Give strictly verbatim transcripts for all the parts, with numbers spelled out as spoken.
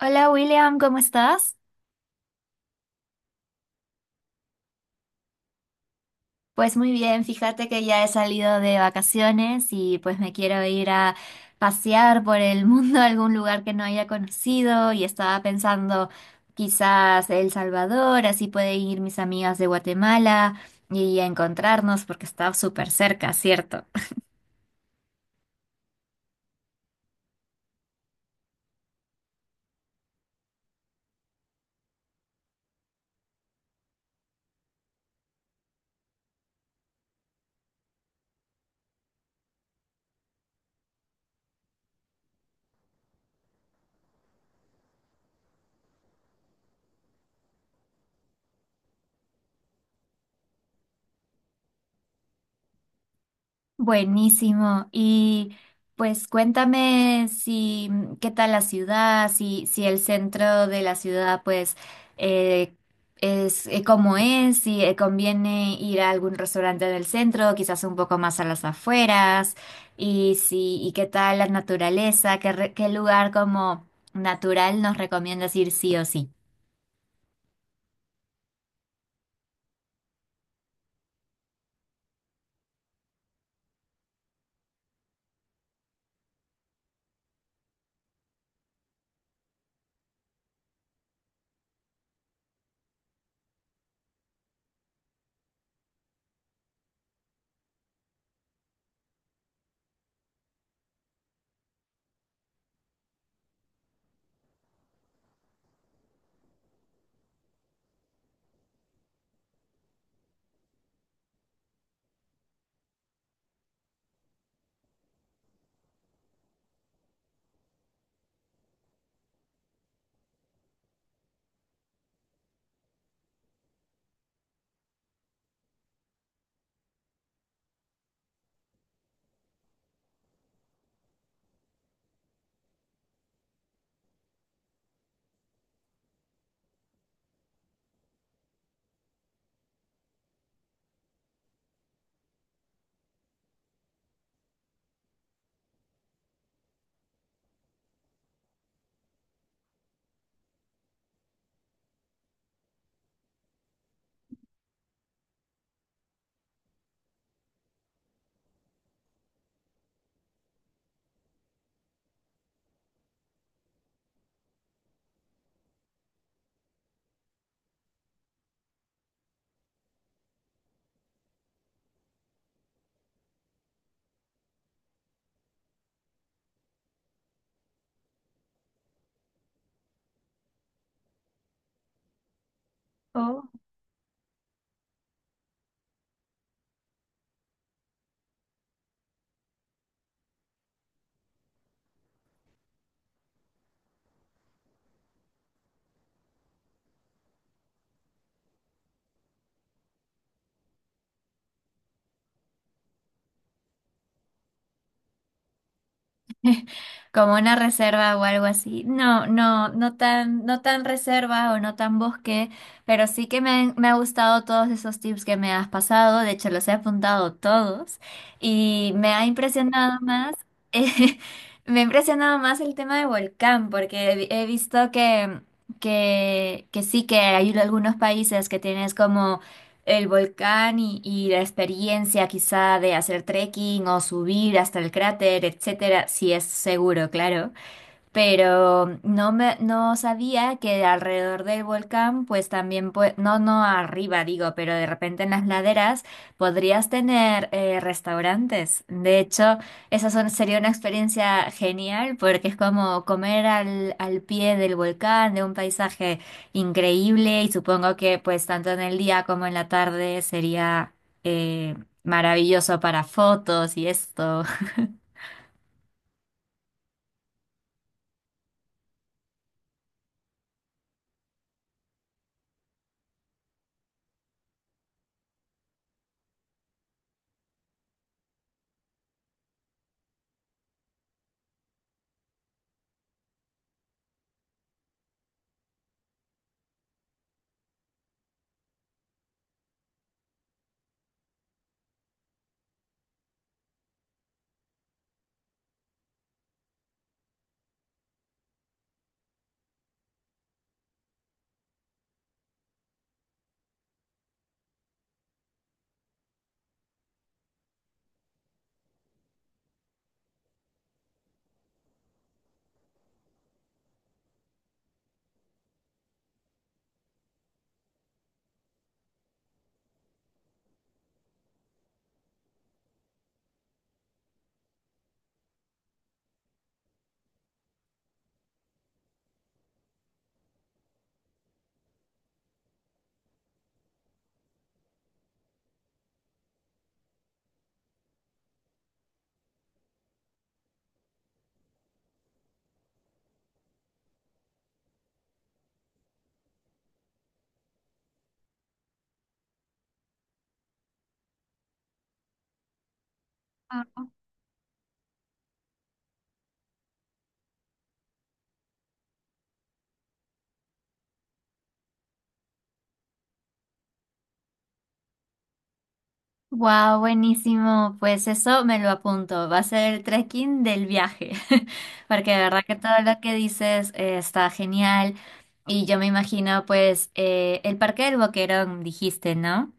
Hola William, ¿cómo estás? Pues muy bien, fíjate que ya he salido de vacaciones y pues me quiero ir a pasear por el mundo a algún lugar que no haya conocido y estaba pensando quizás El Salvador, así pueden ir mis amigas de Guatemala y encontrarnos porque está súper cerca, ¿cierto? Buenísimo. Y pues cuéntame si mm, qué tal la ciudad, si, si el centro de la ciudad pues eh, es eh, cómo es, si eh, conviene ir a algún restaurante del centro, quizás un poco más a las afueras, y si, y qué tal la naturaleza, qué, re- qué lugar como natural nos recomiendas ir sí o sí. Oh. Como una reserva o algo así. No, no, no tan, no tan reserva o no tan bosque, pero sí que me, han- me ha gustado todos esos tips que me has pasado. De hecho, los he apuntado todos y me ha impresionado más. eh, Me ha impresionado más el tema de volcán, porque he, vi- he visto que, que, que sí que hay algunos países que tienes como el volcán y, y la experiencia quizá de hacer trekking o subir hasta el cráter, etcétera, si es seguro, claro, pero no me no sabía que alrededor del volcán, pues también pue- no no arriba digo, pero de repente en las laderas podrías tener eh, restaurantes. De hecho, esa son- sería una experiencia genial porque es como comer al al pie del volcán, de un paisaje increíble, y supongo que pues tanto en el día como en la tarde sería eh, maravilloso para fotos y esto. Wow, buenísimo. Pues eso me lo apunto. Va a ser el trekking del viaje. Porque de verdad que todo lo que dices, eh, está genial. Y yo me imagino, pues, eh, el Parque del Boquerón, dijiste, ¿no?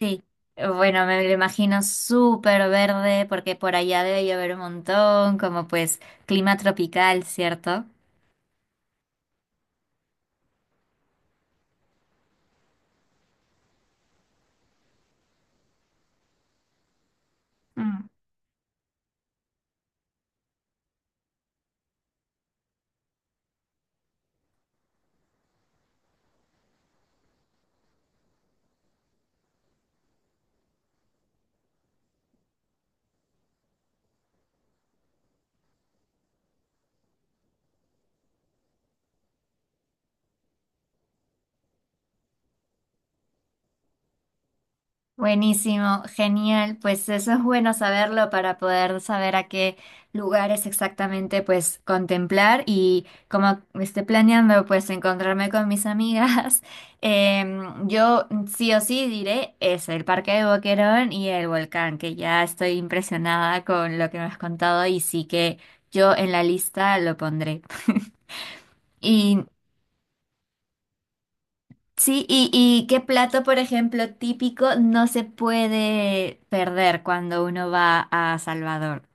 Sí. Bueno, me lo imagino súper verde, porque por allá debe llover un montón, como pues clima tropical, ¿cierto? Buenísimo, genial. Pues eso es bueno saberlo para poder saber a qué lugares exactamente pues contemplar y como esté planeando pues encontrarme con mis amigas, em, yo sí o sí diré es el Parque de Boquerón y el volcán, que ya estoy impresionada con lo que me has contado y sí que yo en la lista lo pondré. Y sí, y, y qué plato, por ejemplo, típico no se puede perder cuando uno va a Salvador.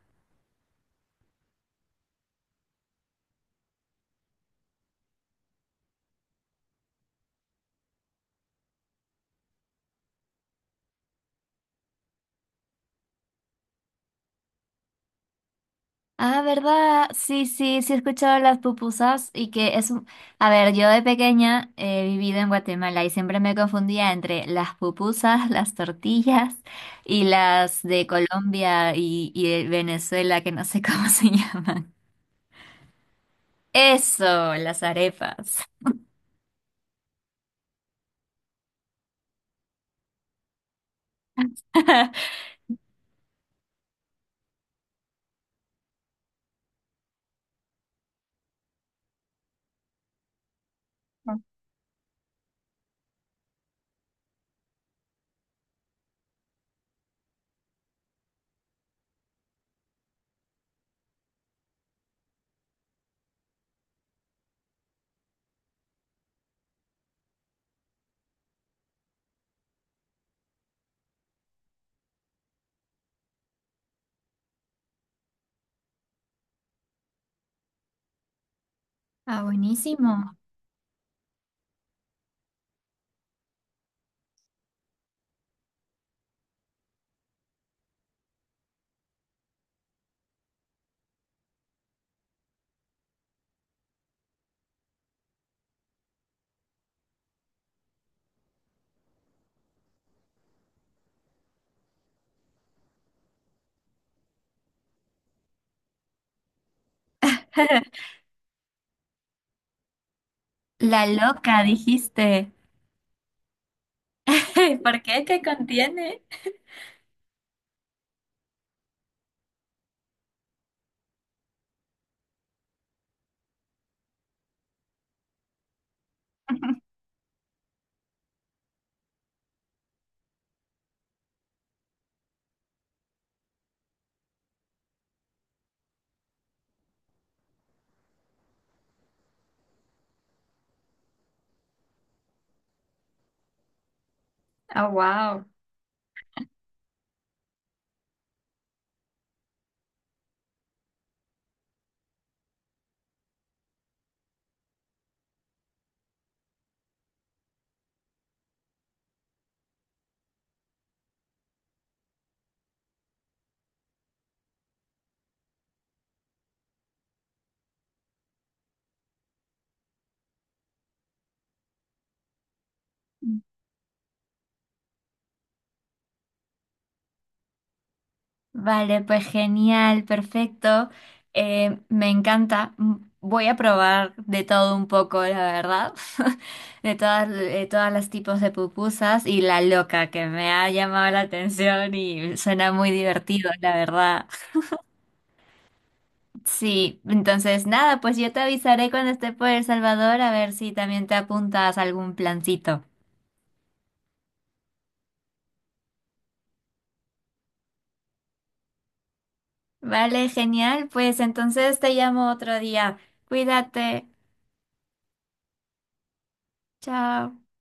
Ah, ¿verdad? Sí, sí, sí, he escuchado las pupusas y que es un... A ver, yo de pequeña he vivido en Guatemala y siempre me confundía entre las pupusas, las tortillas y las de Colombia y, y de Venezuela, que no sé cómo se llaman. Eso, las arepas. Ah, buenísimo. La loca, dijiste. ¿Por qué? ¿Qué contiene? Ah, wow. Vale, pues genial, perfecto. Eh, me encanta. M- voy a probar de todo un poco, la verdad. De todas, de todas las tipos de pupusas y la loca que me ha llamado la atención y suena muy divertido, la verdad. Sí, entonces nada, pues yo te avisaré cuando esté por El Salvador a ver si también te apuntas a algún plancito. Vale, genial. Pues entonces te llamo otro día. Cuídate. Chao.